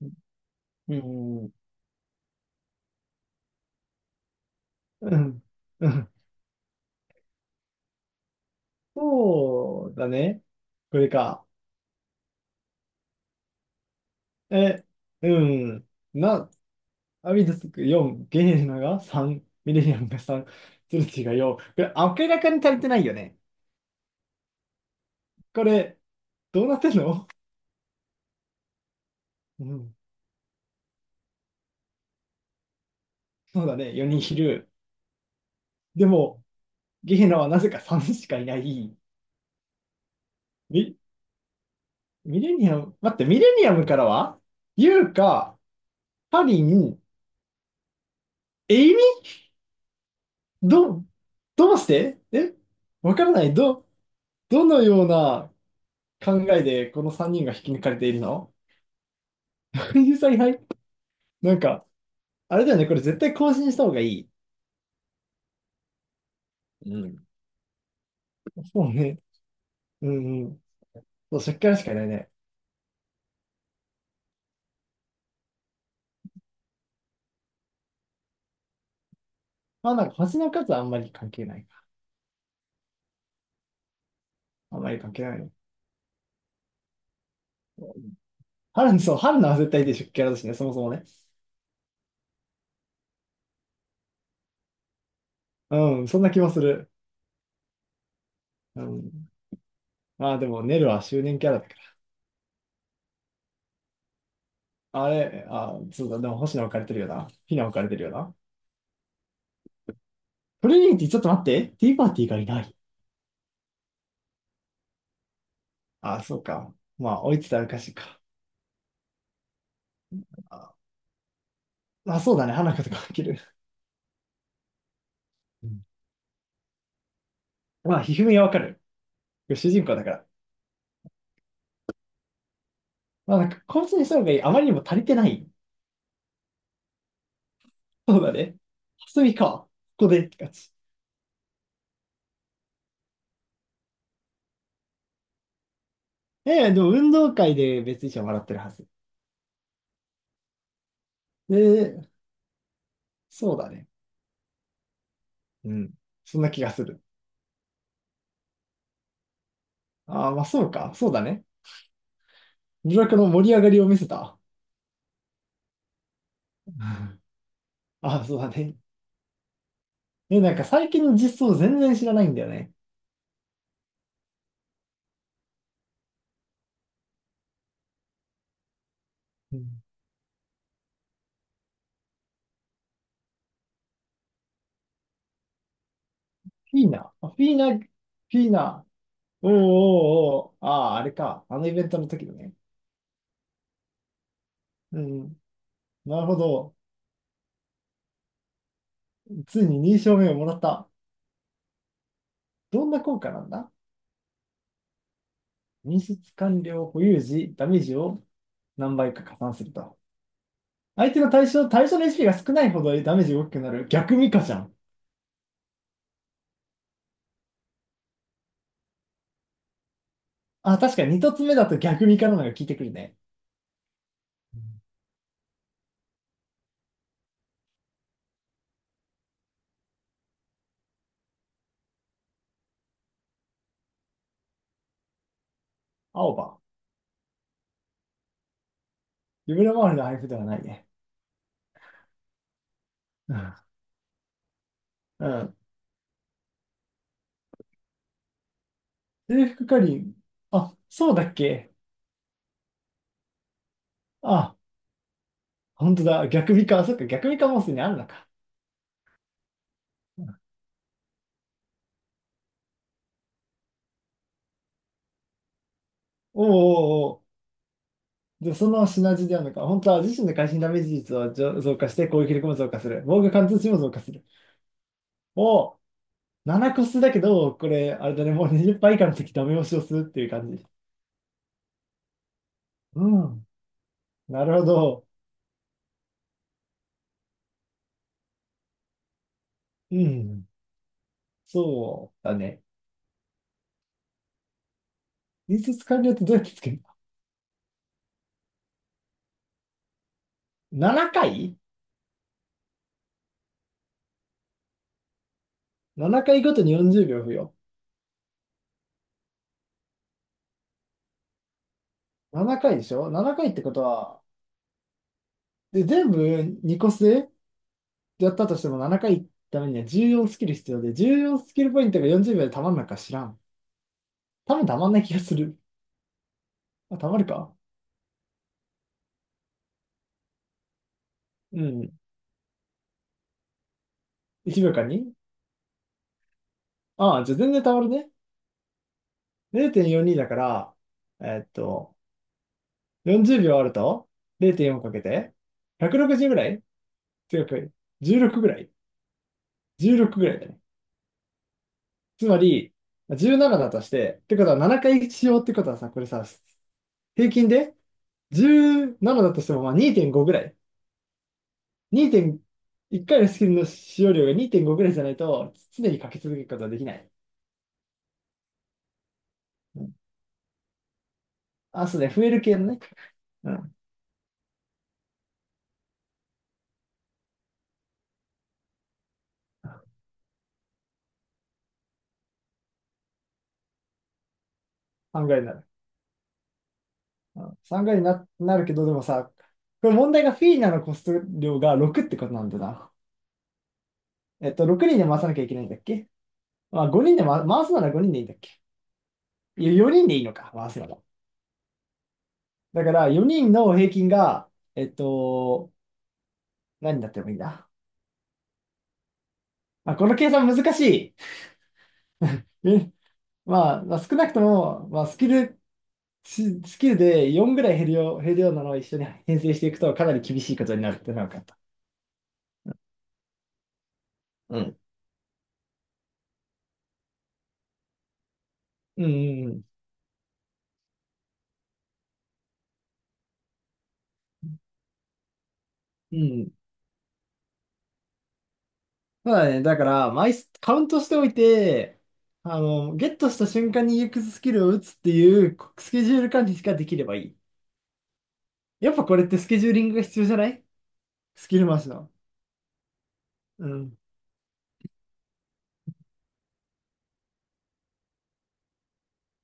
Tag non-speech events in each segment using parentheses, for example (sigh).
うん、うん、うん。そうだね。これか。え、うん。な、アビドスク4、ゲイエルナが3、ミレニアムが3、ツルティが4。これ明らかに足りてないよね。これ、どうなってんの？うん。そうだね、4人いる。でも、ゲイエルナはなぜか3しかいない。ミ、ミレニアム、待って、ミレニアムからはユウか、ハリン、エイミ、ど、どうして？えわからない。どのような考えでこの3人が引き抜かれているの？こういう采 (laughs) 配、なんか、あれだよね、これ絶対更新した方がいい。うん。そうね。うんうん。そう、しっかりしかいないね。まあなんか星の数はあんまり関係ないか。あんまり関係ないね。春の、そう、春のは絶対でしょ、キャラだしね、そもそもね。うん、そんな気もする。うん。まあでも、ネルは周年キャラだから。あれ、あ、そうだ、でも星野置かれてるよな。ヒナ置かれてるよな。トレニーィちょっと待って。ティーパーティーがいない。あ、そうか。まあ、追いつつあるかしいか。あまあ、そうだね。花子とか起きる。うん。まあ、ひふみはわかる。主人公だから。まあ、なんか、こいつにした方がいい。あまりにも足りてない。そうだね。はすみか。ここでって感じ。ええ、でも運動会で別に一緒に笑ってるはず。で、そうだね。うん。そんな気がする。ああ、まあそうか。そうだね。ブラックの盛り上がりを見せた。(laughs) ああ、そうだね。え、なんか最近の実装全然知らないんだよね。うん。フィーナ。あ、フィーナ、フィーナ。おーおーおー。ああ、あれか。あのイベントの時のね。うん。なるほど。ついに認証名をもらった。どんな効果なんだ？認出完了保有時、ダメージを何倍か加算すると。相手の対象、対象の HP が少ないほどダメージが大きくなる。逆ミカじゃん。あ、確かに2つ目だと逆ミカなのが効いてくるね。うん、青葉。夢の周りの配布ではないね。うん。制服かりん。あ、そうだっけ？あ、本当だ。逆ミカ。そっか、逆ミカもすでにあるのか。おーおー。で、そのシナジーであるのか、本当は自身の会心ダメージ率を上増加して攻撃力も増加する。防御貫通値も増加する。を7個数だけど、これ、あれだね、もう20%以下の時ダメ押しをするっていう感じ。うん。なるほど。うん。そうだね。リス完了ってどうやってつける？の 7 回？ 7 回ごとに40秒付与。7回でしょ？ 7 回ってことは、で、全部2個数やったとしても7回ためには14スキル必要で、14スキルポイントが40秒でたまんのか知らん。多分たまんない気がする。あ、たまるか。うん。1秒間に。ああ、じゃあ全然たまるね。0.42だから、えーっと、40秒あると0.4かけて、160ぐらい強く、16ぐらい？ 16 ぐらいだね。つまり、17だとして、ってことは7回しようってことはさ、これさ、平均で17だとしてもまあ2.5ぐらい。2.1回のスキルの使用量が2.5ぐらいじゃないと、常にかけ続けることはできない。あ、そうね、増える系のね。うん。さんぐら回になる。うん、さんぐら回になるけど、でもさ、これ問題がフィーナのコスト量が6ってことなんだな。えっと、6人で回さなきゃいけないんだっけ？まあ、5人で、ま、回すなら5人でいいんだっけ？いや、4人でいいのか、回すなら。だから、4人の平均が、えっと、何になってもいいな。まあ、この計算難しい。ね。まあ、まあ、少なくとも、まあ、ススキルで4ぐらい減るよう、減るようなのを一緒に編成していくとかなり厳しいことになるってのが分かった。うんうんうん。うん。うん。そうだね。だから、枚数、カウントしておいて、あの、ゲットした瞬間にユークススキルを打つっていうスケジュール管理ができればいい。やっぱこれってスケジューリングが必要じゃない？スキル回しの。うん。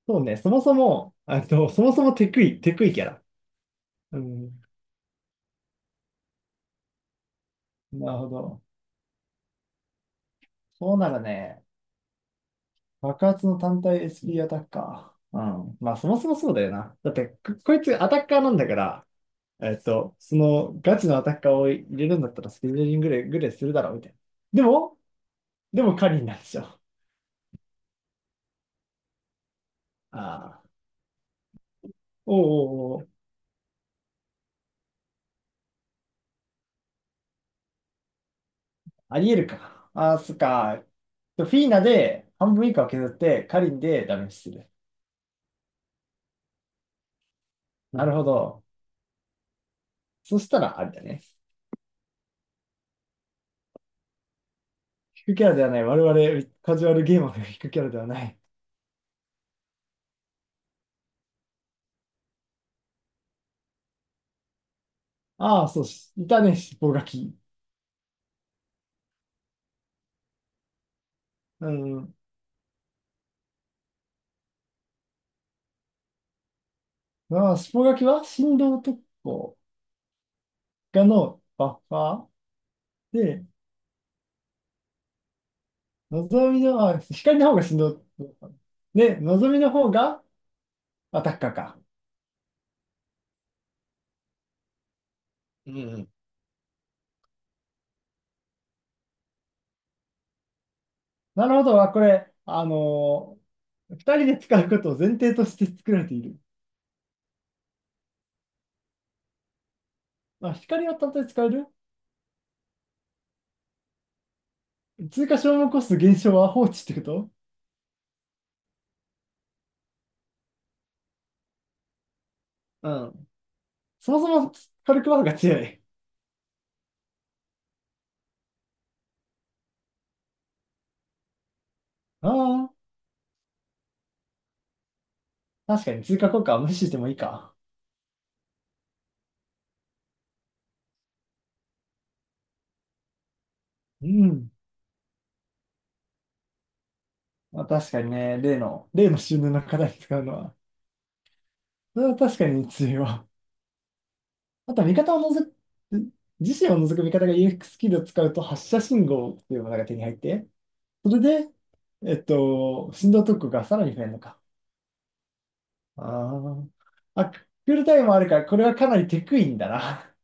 そうね。そもそも、あと、そもそもテクイキャラ。うん。なるほど。そうならね、爆発の単体 SP アタッカー。うん。まあ、そもそもそうだよな。だって、ここいつアタッカーなんだから、えっと、そのガチのアタッカーを入れるんだったらスケジューリングぐらい、ぐらいするだろうみたいな。でも、でもカリンなんでしょ。ああ、おうおうおう、ありえるか。ああ、そっか。フィーナで半分以下を削ってカリンでダメージする。なるほど。そしたらあれだね。引くキャラではない。我々カジュアルゲーマーが引くキャラではない。ああ、そうし、いたね、尻尾書き。うん。まあ、尻尾書きは振動特攻がのバッファーで、のぞみの、あ、光の方が振動。で、のぞみの方がアタッカーか。うん。なるほど。あ、これ、二人で使うことを前提として作られている。まあ、光は単体で使える。追加消耗コスト減少は放置ってこと？うん。そもそも火力バフが強い。ああ、確かに追加効果は無視してもいいか。うん。まあ確かにね、例の、例の収納の課題に使うのは、それは確かに強いわ。あとは味方を除く、自身を除く味方が UX ススキルを使うと発射信号っていうものが手に入って、それで、えっと、振動特攻がさらに増えるのか。ああ。あ、クールタイムもあるから、これはかなりテクいんだな。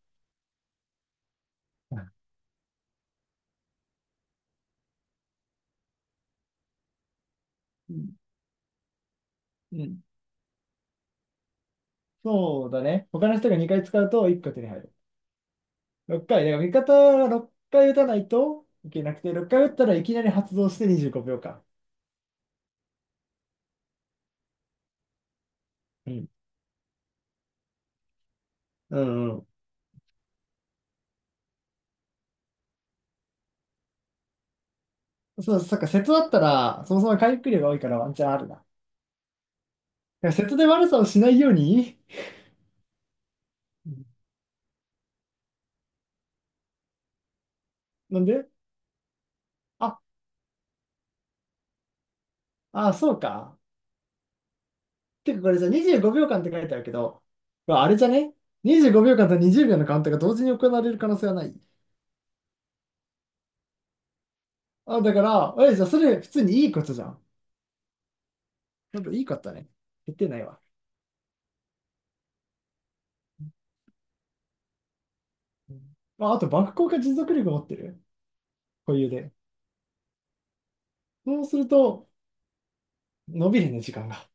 うん。うん。そうだね。他の人が2回使うと1個手に入る。6回。だから味方が6回打たないといけなくて、6回打ったらいきなり発動して25秒間。うん。うんうん。そう、そっか、瀬戸だったら、そもそも回復量が多いからワンチャンあるな。セや瀬戸で悪さをしないように。うん。なんで？あ、あ、そうか。てかこれさ、25秒間って書いてあるけど、まああれじゃね？ 25 秒間と20秒のカウントが同時に行われる可能性はない。あ、だから、え、じゃあそれ普通にいいことじゃん。なんかいいことだね。言ってないわ。うん。まあ、あと、バック効果持続力持ってる。固有で。そうすると、伸びるね、時間が。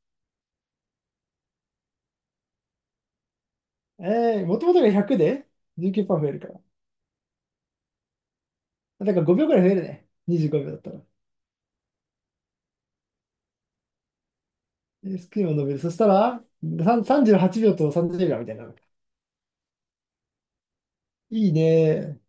もともとが100で19%増えるから。だから5秒くらい増えるね。25秒だったら。でスクリーンを伸びる。そしたら、さん38秒と30秒みたいな。いいね。